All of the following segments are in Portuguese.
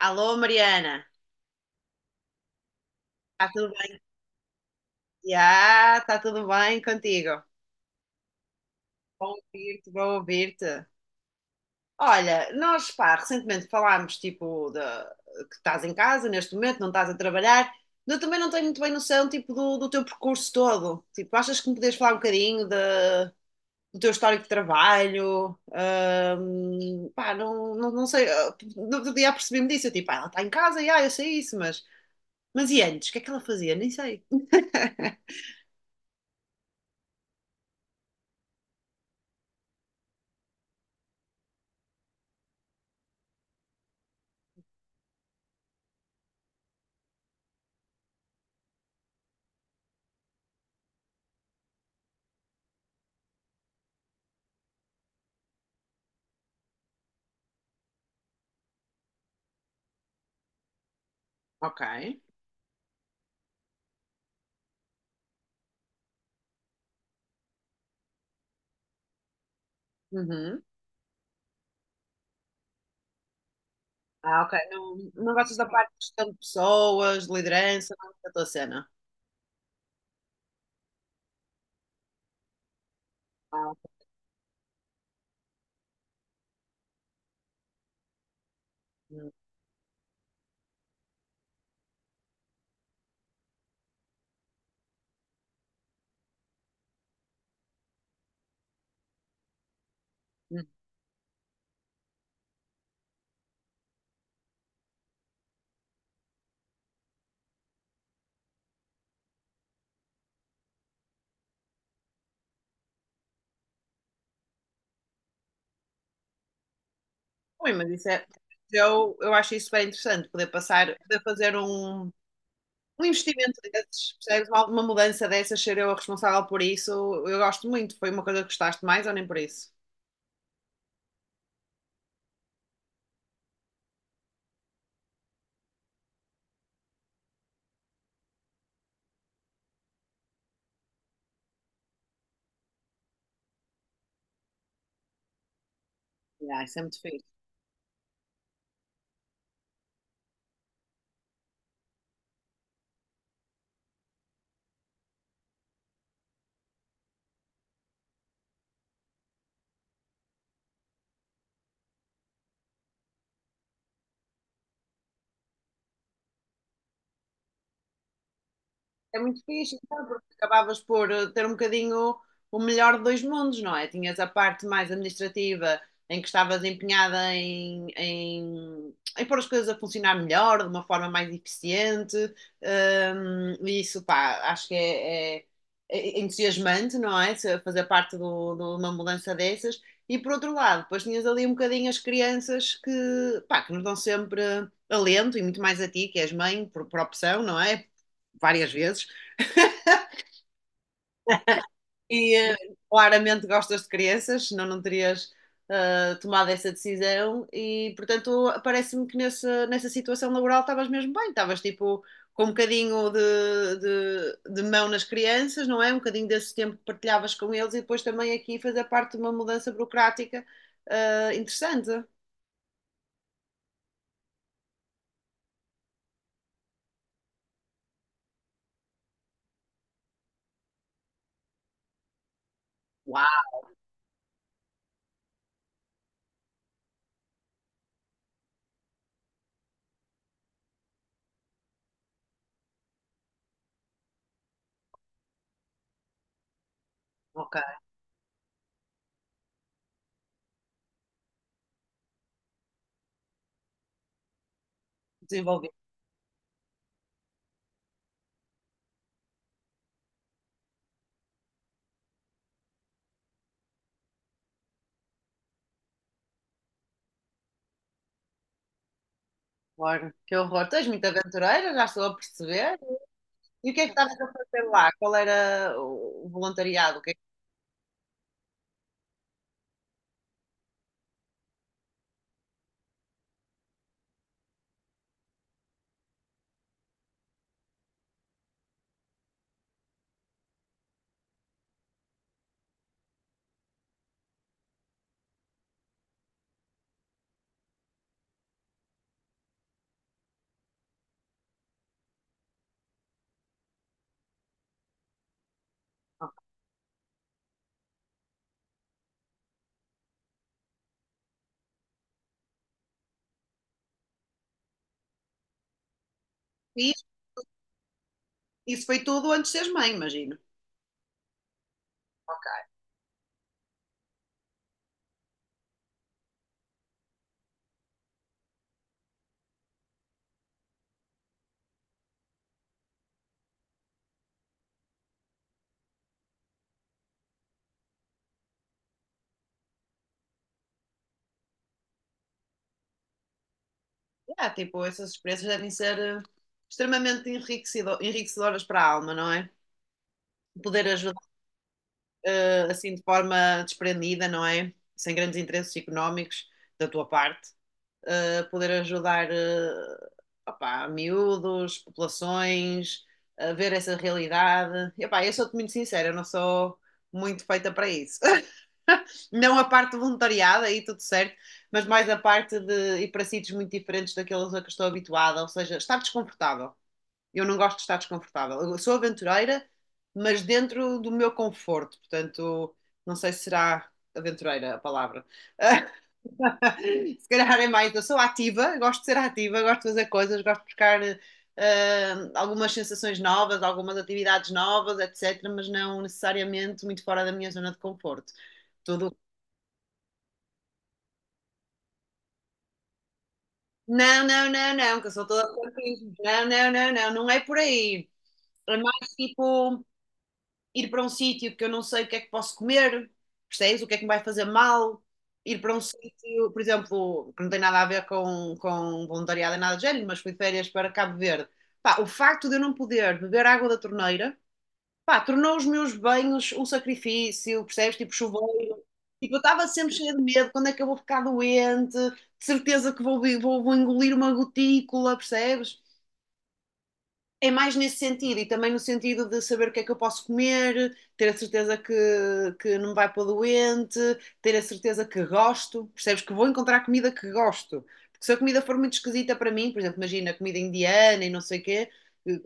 Alô, Mariana, está tudo bem? Já, está tudo bem contigo? Bom ouvir-te, bom ouvir-te. Olha, nós, pá, recentemente falámos, tipo, de, que estás em casa neste momento, não estás a trabalhar. Eu também não tenho muito bem noção, tipo, do teu percurso todo. Tipo, achas que me podes falar um bocadinho do teu histórico de trabalho? Pá, não sei, no outro dia apercebi-me disso, eu, tipo, ela está em casa, já, eu sei isso, mas... Mas e antes, o que é que ela fazia? Nem sei. Ok. Uhum. Ah, ok. Não, não gostas da parte de gestão de pessoas, de liderança, não é a tua cena. Ah, ok. Hum, hum. Ui, mas isso é. Eu acho isso super interessante, poder passar, poder fazer um investimento desses, percebes? Uma mudança dessas, ser eu a responsável por isso, eu gosto muito. Foi uma coisa que gostaste mais ou nem por isso? Ah, isso é muito fixe. É muito fixe, então, porque acabavas por ter um bocadinho o melhor de dois mundos, não é? Tinhas a parte mais administrativa, em que estavas empenhada em pôr as coisas a funcionar melhor, de uma forma mais eficiente, e isso, pá, acho que é entusiasmante, não é? Fazer parte de uma mudança dessas. E por outro lado, depois tinhas ali um bocadinho as crianças que, pá, que nos dão sempre alento, e muito mais a ti, que és mãe, por opção, não é? Várias vezes. E claramente gostas de crianças, senão não terias tomado essa decisão. E portanto, parece-me que nessa situação laboral estavas mesmo bem, estavas tipo com um bocadinho de mão nas crianças, não é? Um bocadinho desse tempo que partilhavas com eles e depois também aqui fazer parte de uma mudança burocrática interessante. Uau, ok, desenvolvi. Horror. Que horror, tu és muito aventureira, já estou a perceber. E o que é que estavas a fazer lá? Qual era o voluntariado? O que é que... Isso foi tudo antes de seres mãe, imagino. Ah, tipo, essas experiências devem ser extremamente enriquecedoras para a alma, não é? Poder ajudar assim de forma desprendida, não é? Sem grandes interesses económicos da tua parte. Poder ajudar, opá, miúdos, populações, a ver essa realidade. E, opá, eu sou-te muito sincera, eu não sou muito feita para isso. Não a parte de voluntariado, aí tudo certo, mas mais a parte de ir para sítios muito diferentes daqueles a que estou habituada, ou seja, estar desconfortável. Eu não gosto de estar desconfortável. Eu sou aventureira, mas dentro do meu conforto, portanto, não sei se será aventureira a palavra. Se calhar é mais, eu sou ativa, gosto de ser ativa, gosto de fazer coisas, gosto de buscar algumas sensações novas, algumas atividades novas, etc., mas não necessariamente muito fora da minha zona de conforto. Tudo. Não, não, não, não, que eu sou toda fantasma. Não, não, não, não, não é por aí. É mais tipo ir para um sítio que eu não sei o que é que posso comer, percebes? O que é que me vai fazer mal. Ir para um sítio, por exemplo, que não tem nada a ver com voluntariado e nada do género, mas fui de férias para Cabo Verde. Pá, o facto de eu não poder beber água da torneira. Pá, tornou os meus banhos um sacrifício, percebes? Tipo chuveiro. Tipo, eu estava sempre cheia de medo, quando é que eu vou ficar doente? De certeza que vou engolir uma gotícula, percebes? É mais nesse sentido e também no sentido de saber o que é que eu posso comer, ter a certeza que não me vai pôr doente, ter a certeza que gosto, percebes? Que vou encontrar comida que gosto. Porque se a comida for muito esquisita para mim, por exemplo, imagina comida indiana e não sei o quê,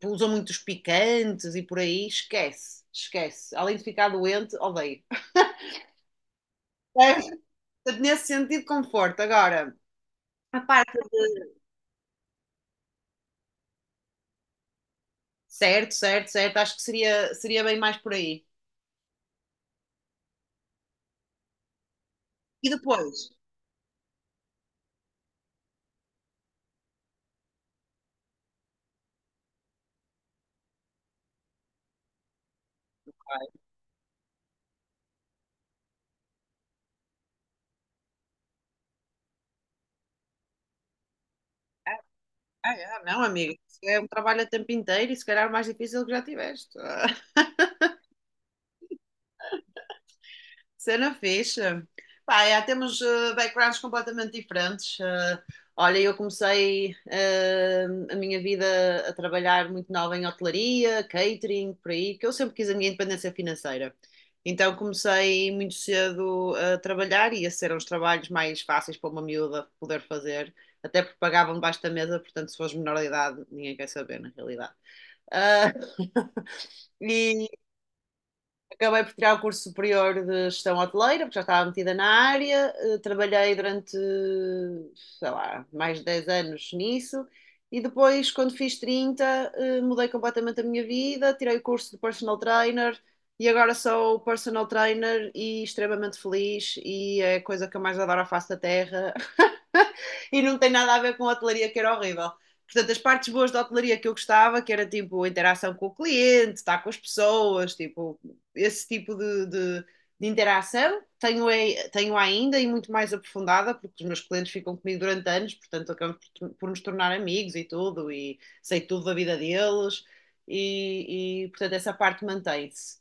que usam muitos picantes e por aí, esquece, esquece. Além de ficar doente, odeio. É, nesse sentido, conforto. Agora, a parte certo, certo, certo, acho que seria bem mais por aí. E depois, ah, é? Não, amigo. Isso é um trabalho a tempo inteiro e se calhar o mais difícil que já tiveste. Ah, cena fixe. Pá, é, temos backgrounds completamente diferentes. Olha, eu comecei a minha vida a trabalhar muito nova em hotelaria, catering, por aí, que eu sempre quis a minha independência financeira. Então comecei muito cedo a trabalhar e esses eram os trabalhos mais fáceis para uma miúda poder fazer, até porque pagavam debaixo da mesa, portanto, se fores menor de idade, ninguém quer saber, na realidade. Ah, e acabei por tirar o curso superior de gestão hoteleira, porque já estava metida na área. Trabalhei durante, sei lá, mais de 10 anos nisso. E depois, quando fiz 30 mudei completamente a minha vida, tirei o curso de personal trainer e agora sou personal trainer e extremamente feliz. E é a coisa que eu mais adoro à face da terra. E não tem nada a ver com a hotelaria, que era horrível. Portanto, as partes boas da hotelaria que eu gostava, que era tipo a interação com o cliente, estar com as pessoas, tipo, esse tipo de interação, é, tenho ainda e muito mais aprofundada, porque os meus clientes ficam comigo durante anos, portanto, acabamos por nos tornar amigos e tudo, e sei tudo da vida deles, e portanto, essa parte mantém-se.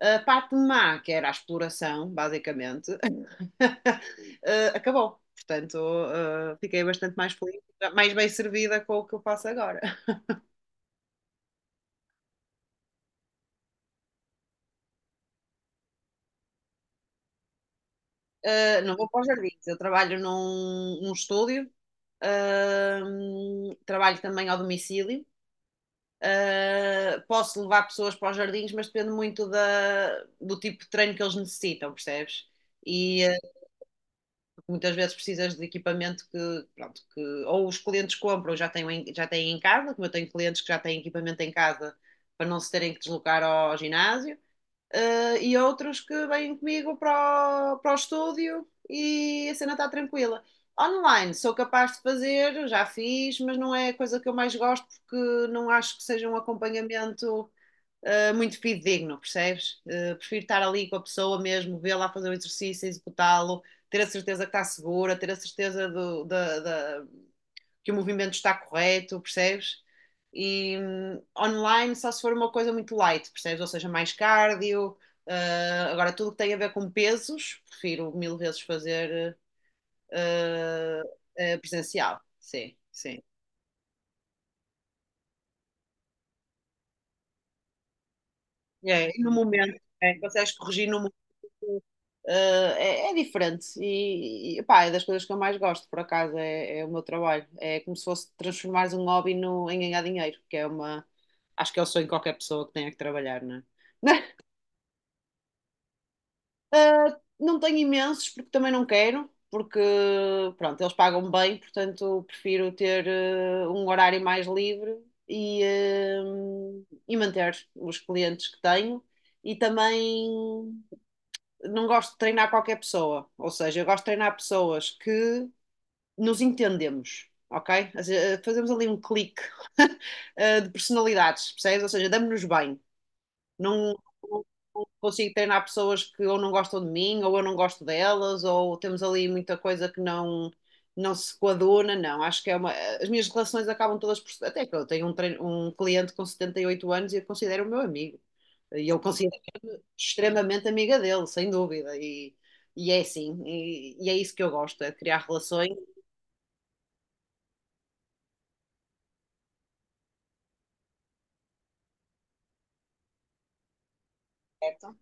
A parte má, que era a exploração, basicamente, acabou. Portanto, fiquei bastante mais feliz, mais bem servida com o que eu faço agora. Não vou para os jardins, eu trabalho num estúdio, trabalho também ao domicílio. Posso levar pessoas para os jardins, mas depende muito do tipo de treino que eles necessitam, percebes? E, muitas vezes precisas de equipamento que, pronto, que ou os clientes compram, já têm em casa, como eu tenho clientes que já têm equipamento em casa para não se terem que deslocar ao ginásio, e outros que vêm comigo para o estúdio e a cena está tranquila. Online sou capaz de fazer, já fiz, mas não é a coisa que eu mais gosto porque não acho que seja um acompanhamento muito digno, percebes? Prefiro estar ali com a pessoa mesmo, vê-la fazer o exercício, executá-lo, ter a certeza que está segura, ter a certeza da, que o movimento está correto, percebes? E online só se for uma coisa muito light, percebes? Ou seja, mais cardio. Agora, tudo que tem a ver com pesos, prefiro mil vezes fazer uh, presencial. Sim, sim. É, e no momento, é, consegues corrigir no é, diferente e pá, é das coisas que eu mais gosto, por acaso, é o meu trabalho. É como se fosse transformar um hobby no, em ganhar dinheiro, que é uma. Acho que é o sonho de qualquer pessoa que tenha que trabalhar, não é? Não tenho imensos porque também não quero, porque pronto, eles pagam bem, portanto prefiro ter um horário mais livre e manter os clientes que tenho e também não gosto de treinar qualquer pessoa, ou seja, eu gosto de treinar pessoas que nos entendemos, ok? Fazemos ali um clique de personalidades, percebes? Ou seja, damos-nos bem. Não não consigo treinar pessoas que ou não gostam de mim, ou eu não gosto delas, ou temos ali muita coisa que não. Não se coaduna, não. Acho que é uma. As minhas relações acabam todas por. Até que eu tenho um cliente com 78 anos e eu considero o meu amigo. E eu considero extremamente amiga dele, sem dúvida. E é assim. E é isso que eu gosto, é criar relações. Certo.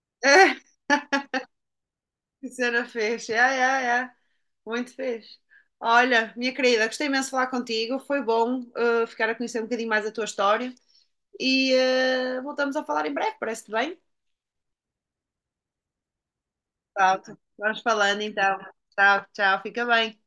É, que cena fez. É, é, é. Muito fez. Olha, minha querida, gostei imenso de falar contigo. Foi bom ficar a conhecer um bocadinho mais a tua história. E voltamos a falar em breve, parece-te bem? Pronto, vamos falando então. Tchau, tchau, fica bem.